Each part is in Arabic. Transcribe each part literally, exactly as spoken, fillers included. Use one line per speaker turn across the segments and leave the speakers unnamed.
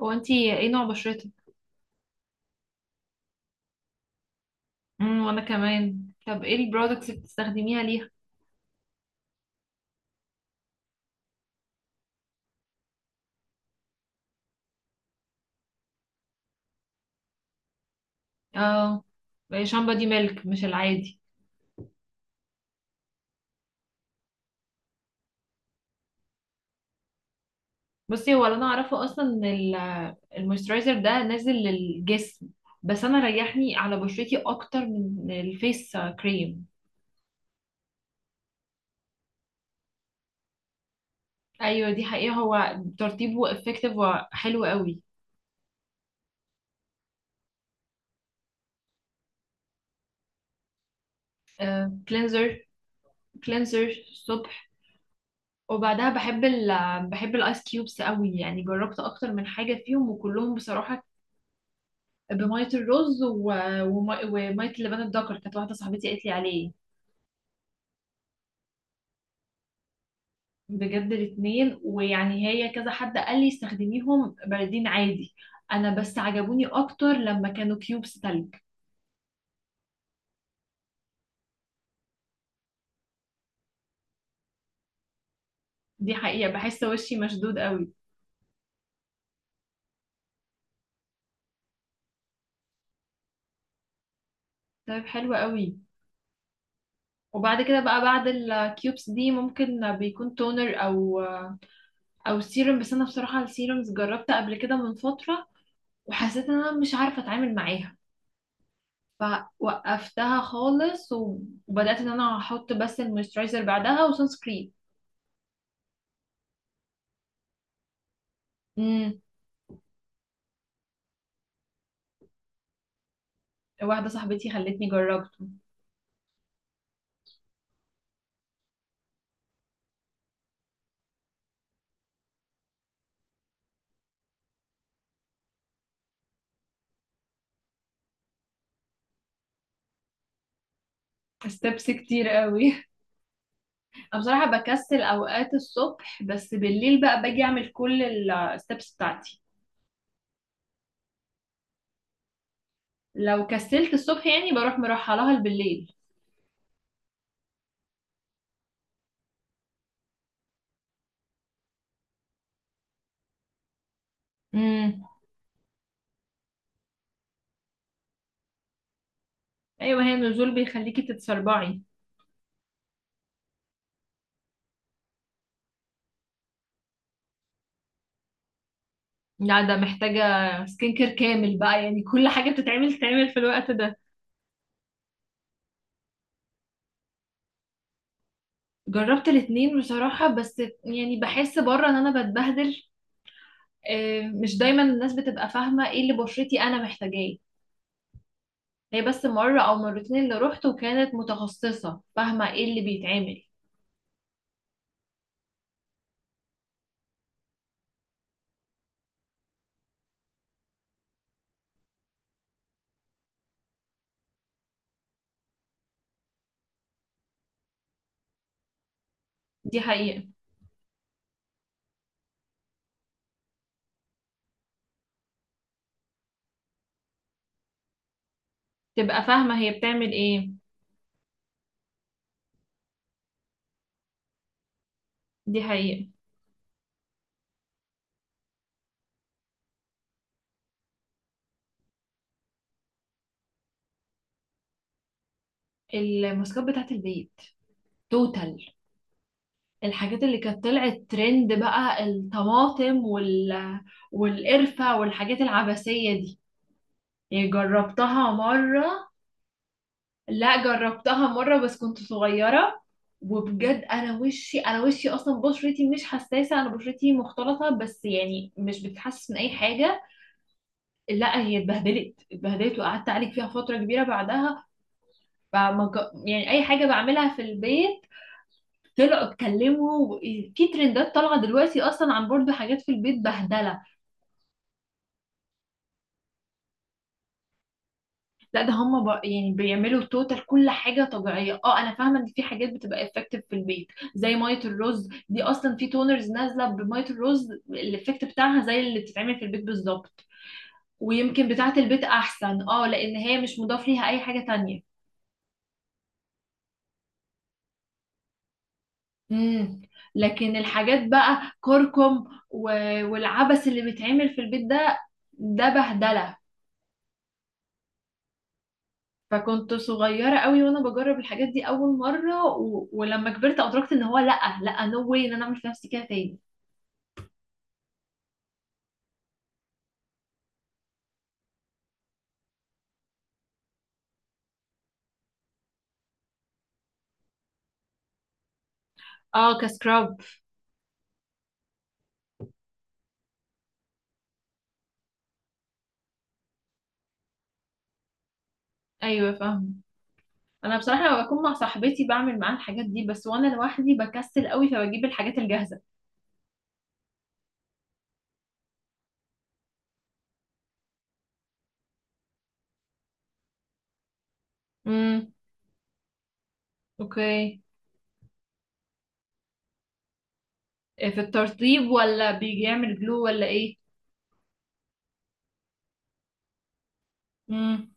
هو انتي ايه نوع بشرتك؟ امم وانا كمان. طب ايه البرودكتس اللي بتستخدميها ليها؟ اه، شامبو دي ميلك مش العادي. بصي، هو اللي انا اعرفه اصلا ان ال- المويسترايزر ده نازل للجسم، بس انا ريحني على بشرتي اكتر من الفيس كريم. ايوه دي حقيقة، هو ترطيبه افكتيف وحلو قوي. كلينزر، كلينزر الصبح، وبعدها بحب ال بحب الايس كيوبس قوي، يعني جربت اكتر من حاجة فيهم وكلهم بصراحة بمية الرز و... ومي... ومية اللبان الدكر، كانت واحدة صاحبتي قالت لي عليه. بجد الاتنين، ويعني هي كذا حد قال لي استخدميهم باردين عادي، انا بس عجبوني اكتر لما كانوا كيوبس تلج. دي حقيقة، بحس وشي مشدود قوي. طيب حلو قوي. وبعد كده بقى بعد الكيوبس دي ممكن بيكون تونر او او سيروم، بس انا بصراحة السيرومز جربت قبل كده من فترة وحسيت ان انا مش عارفة اتعامل معاها، فوقفتها خالص و- وبدأت ان انا احط بس المويسترايزر بعدها وسان سكرين. امم واحدة صاحبتي خلتني جربته. ستيبس كتير قوي انا بصراحة بكسل اوقات الصبح، بس بالليل بقى باجي اعمل كل الستيبس بتاعتي. لو كسلت الصبح يعني بروح مرحلها بالليل. امم ايوه، ما هي النزول بيخليكي تتسربعي. لا ده محتاجة سكين كير كامل بقى، يعني كل حاجة بتتعمل تتعمل في الوقت ده. جربت الاتنين بصراحة، بس يعني بحس بره ان انا بتبهدل، آه، مش دايما الناس بتبقى فاهمة ايه اللي بشرتي انا محتاجاه. هي بس مرة او مرتين اللي روحت وكانت متخصصة فاهمة ايه اللي بيتعمل. دي حقيقة. تبقى فاهمة هي بتعمل ايه. دي حقيقة. الماسكات بتاعت البيت، توتال، الحاجات اللي كانت طلعت ترند بقى، الطماطم وال... والقرفة والحاجات العبثية دي. يعني جربتها مرة، لا جربتها مرة بس كنت صغيرة، وبجد انا وشي، انا وشي اصلا بشرتي مش حساسة، انا بشرتي مختلطة بس يعني مش بتحسس من اي حاجة. لا هي اتبهدلت اتبهدلت وقعدت اعالج فيها فترة كبيرة بعدها. فما ج- يعني اي حاجة بعملها في البيت طلعوا اتكلموا و- في ترندات طالعة دلوقتي اصلا عن برضو حاجات في البيت بهدلة. لا ده هم بق... يعني بيعملوا توتال كل حاجه طبيعيه، اه انا فاهمه ان في حاجات بتبقى افكتيف في البيت، زي ميه الرز دي، اصلا في تونرز نازله بميه الرز الافكت بتاعها زي اللي بتتعمل في البيت بالظبط. ويمكن بتاعه البيت احسن، اه لان هي مش مضاف ليها اي حاجه تانية. امم. لكن الحاجات بقى كركم و... والعبس اللي بيتعمل في البيت ده، ده بهدله. فكنت صغيرة قوي وانا بجرب الحاجات دي اول مرة، و... ولما كبرت ادركت ان هو لا لا، نو واي ان انا اعمل في نفسي كده تاني. اه، كسكراب. ايوه فاهم. انا بصراحة لما بكون مع صاحبتي بعمل معاها الحاجات دي بس، وانا لوحدي بكسل قوي فبجيب الحاجات الجاهزة. امم. اوكي. إيه، في الترطيب ولا بيعمل جلو ولا ايه؟ امم.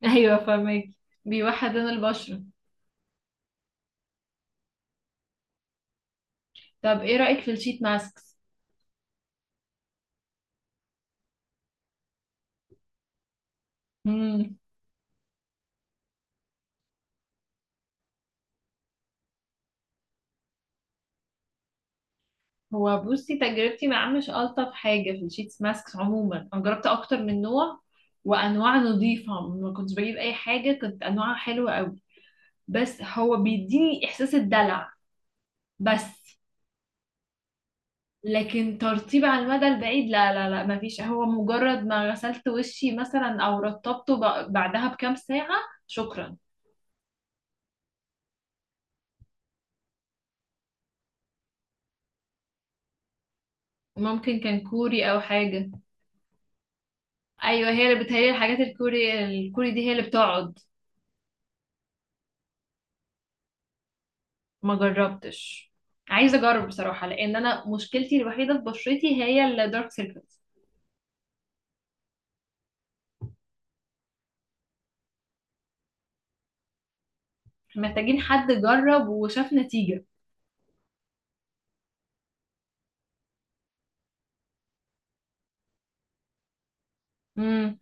ايوه فاهمك. بيوحد لون البشرة. طب ايه رأيك في الشيت ماسكس؟ هو بصي تجربتي معاه مش ألطف حاجة، في الشيتس ماسكس عموما أنا جربت أكتر من نوع، وأنواع نظيفة ما كنتش بجيب أي حاجة، كانت أنواعها حلوة أوي، بس هو بيديني إحساس الدلع بس. لكن ترطيب على المدى البعيد لا لا لا، مفيش، هو مجرد ما غسلت وشي مثلا أو رطبته ب- بعدها بكام ساعة. شكرا. ممكن كان كوري أو حاجة. أيوة، هي اللي بتهيألي الحاجات الكوري الكوري دي هي اللي بتقعد. ما جربتش. عايزه اجرب بصراحه، لان انا مشكلتي الوحيده في بشرتي هي الدارك سيركلز. محتاجين حد جرب وشاف نتيجه. امم.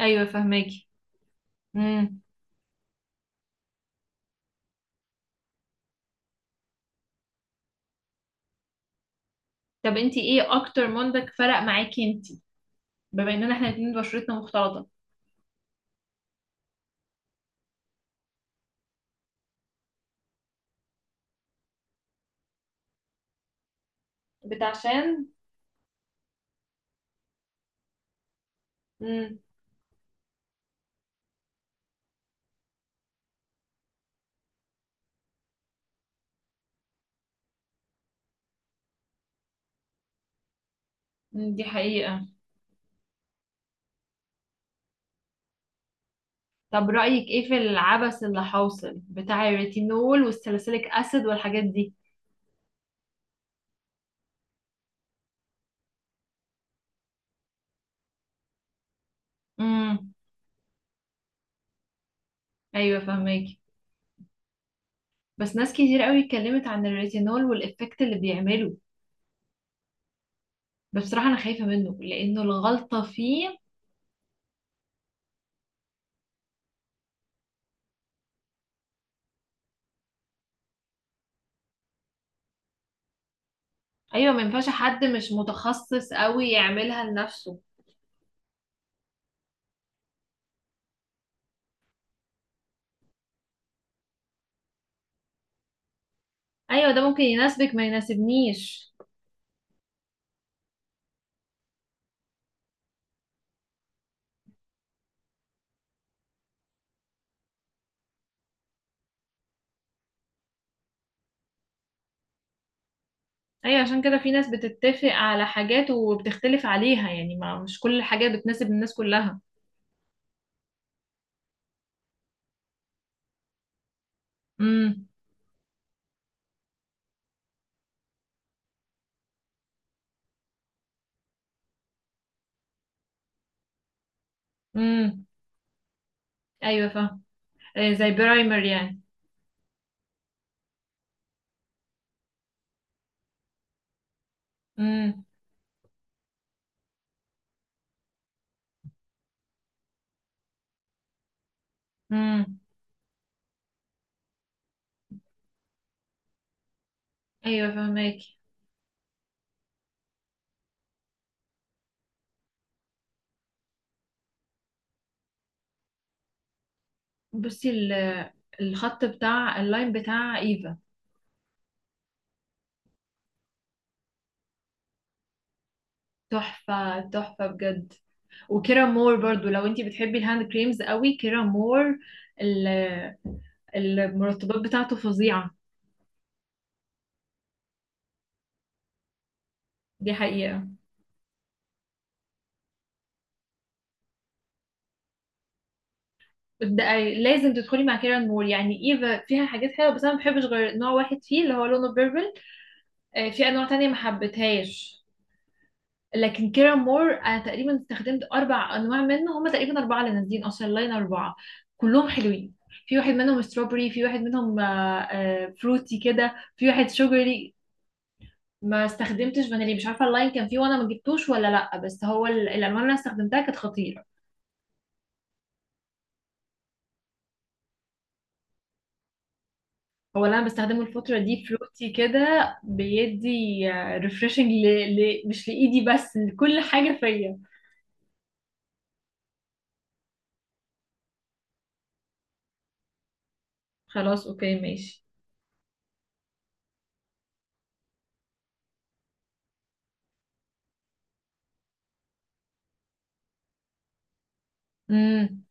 ايوه فهماكي. امم. طب انتي ايه اكتر منتج فرق معاكي انتي، بما اننا احنا الاتنين بشرتنا مختلطه؟ بتاعشان. امم. دي حقيقه. طب رايك ايه في العبث اللي حاصل بتاع الريتينول والساليسيليك اسيد والحاجات دي؟ امم. ايوه فهماكي. بس ناس كتير قوي اتكلمت عن الريتينول والإفكت اللي بيعمله، بس بصراحة أنا خايفة منه لأنه الغلطة فيه. أيوة ما ينفعش حد مش متخصص قوي يعملها لنفسه. أيوة ده ممكن يناسبك ما يناسبنيش. أيوة عشان كده في ناس بتتفق على حاجات وبتختلف عليها، يعني ما مش كل الحاجات بتناسب الناس كلها. امم. امم. أيوة فاهم. آه، زي برايمر يعني. امم. امم. أيوة فاهماكي. بصي ال- الخط بتاع اللاين بتاع إيفا. تحفة تحفة بجد. وكيرا مور برضو لو انتي بتحبي الهاند كريمز قوي، كيرا مور. ال- المرطبات بتاعته فظيعة. دي حقيقة. ده لازم تدخلي مع كيرا مور، يعني ايفا فيها حاجات حلوة بس انا ما بحبش غير نوع واحد فيه اللي هو لونه بيربل، آه، في انواع تانية ما حبيتهاش. لكن كيرا مور انا تقريبا استخدمت اربع انواع منه، هما تقريبا اربعة اللي نازلين اصلا، لاين اربعة، كلهم حلوين. في واحد منهم ستروبري، في واحد منهم آه، آه، فروتي كده، في واحد شوجري. ما استخدمتش فانيلي مش عارفه اللاين كان فيه وانا ما جبتوش ولا لا، بس هو ال- الالوان اللي انا استخدمتها كانت خطيره. هو اللي انا بستخدمه الفتره دي فلوتي كده، بيدي ريفرشنج ل... ل... مش لايدي بس لكل حاجه فيا. خلاص اوكي ماشي. امم.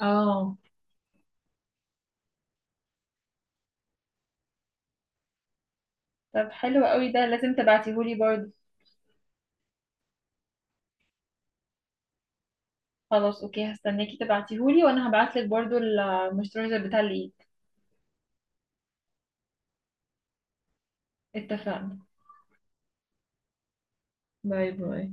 اه. طب حلو قوي ده لازم تبعتيهولي برضو. خلاص اوكي هستناكي تبعتيهولي، وانا هبعتلك برضو المسترزر بتاع الايد. اتفقنا. باي باي.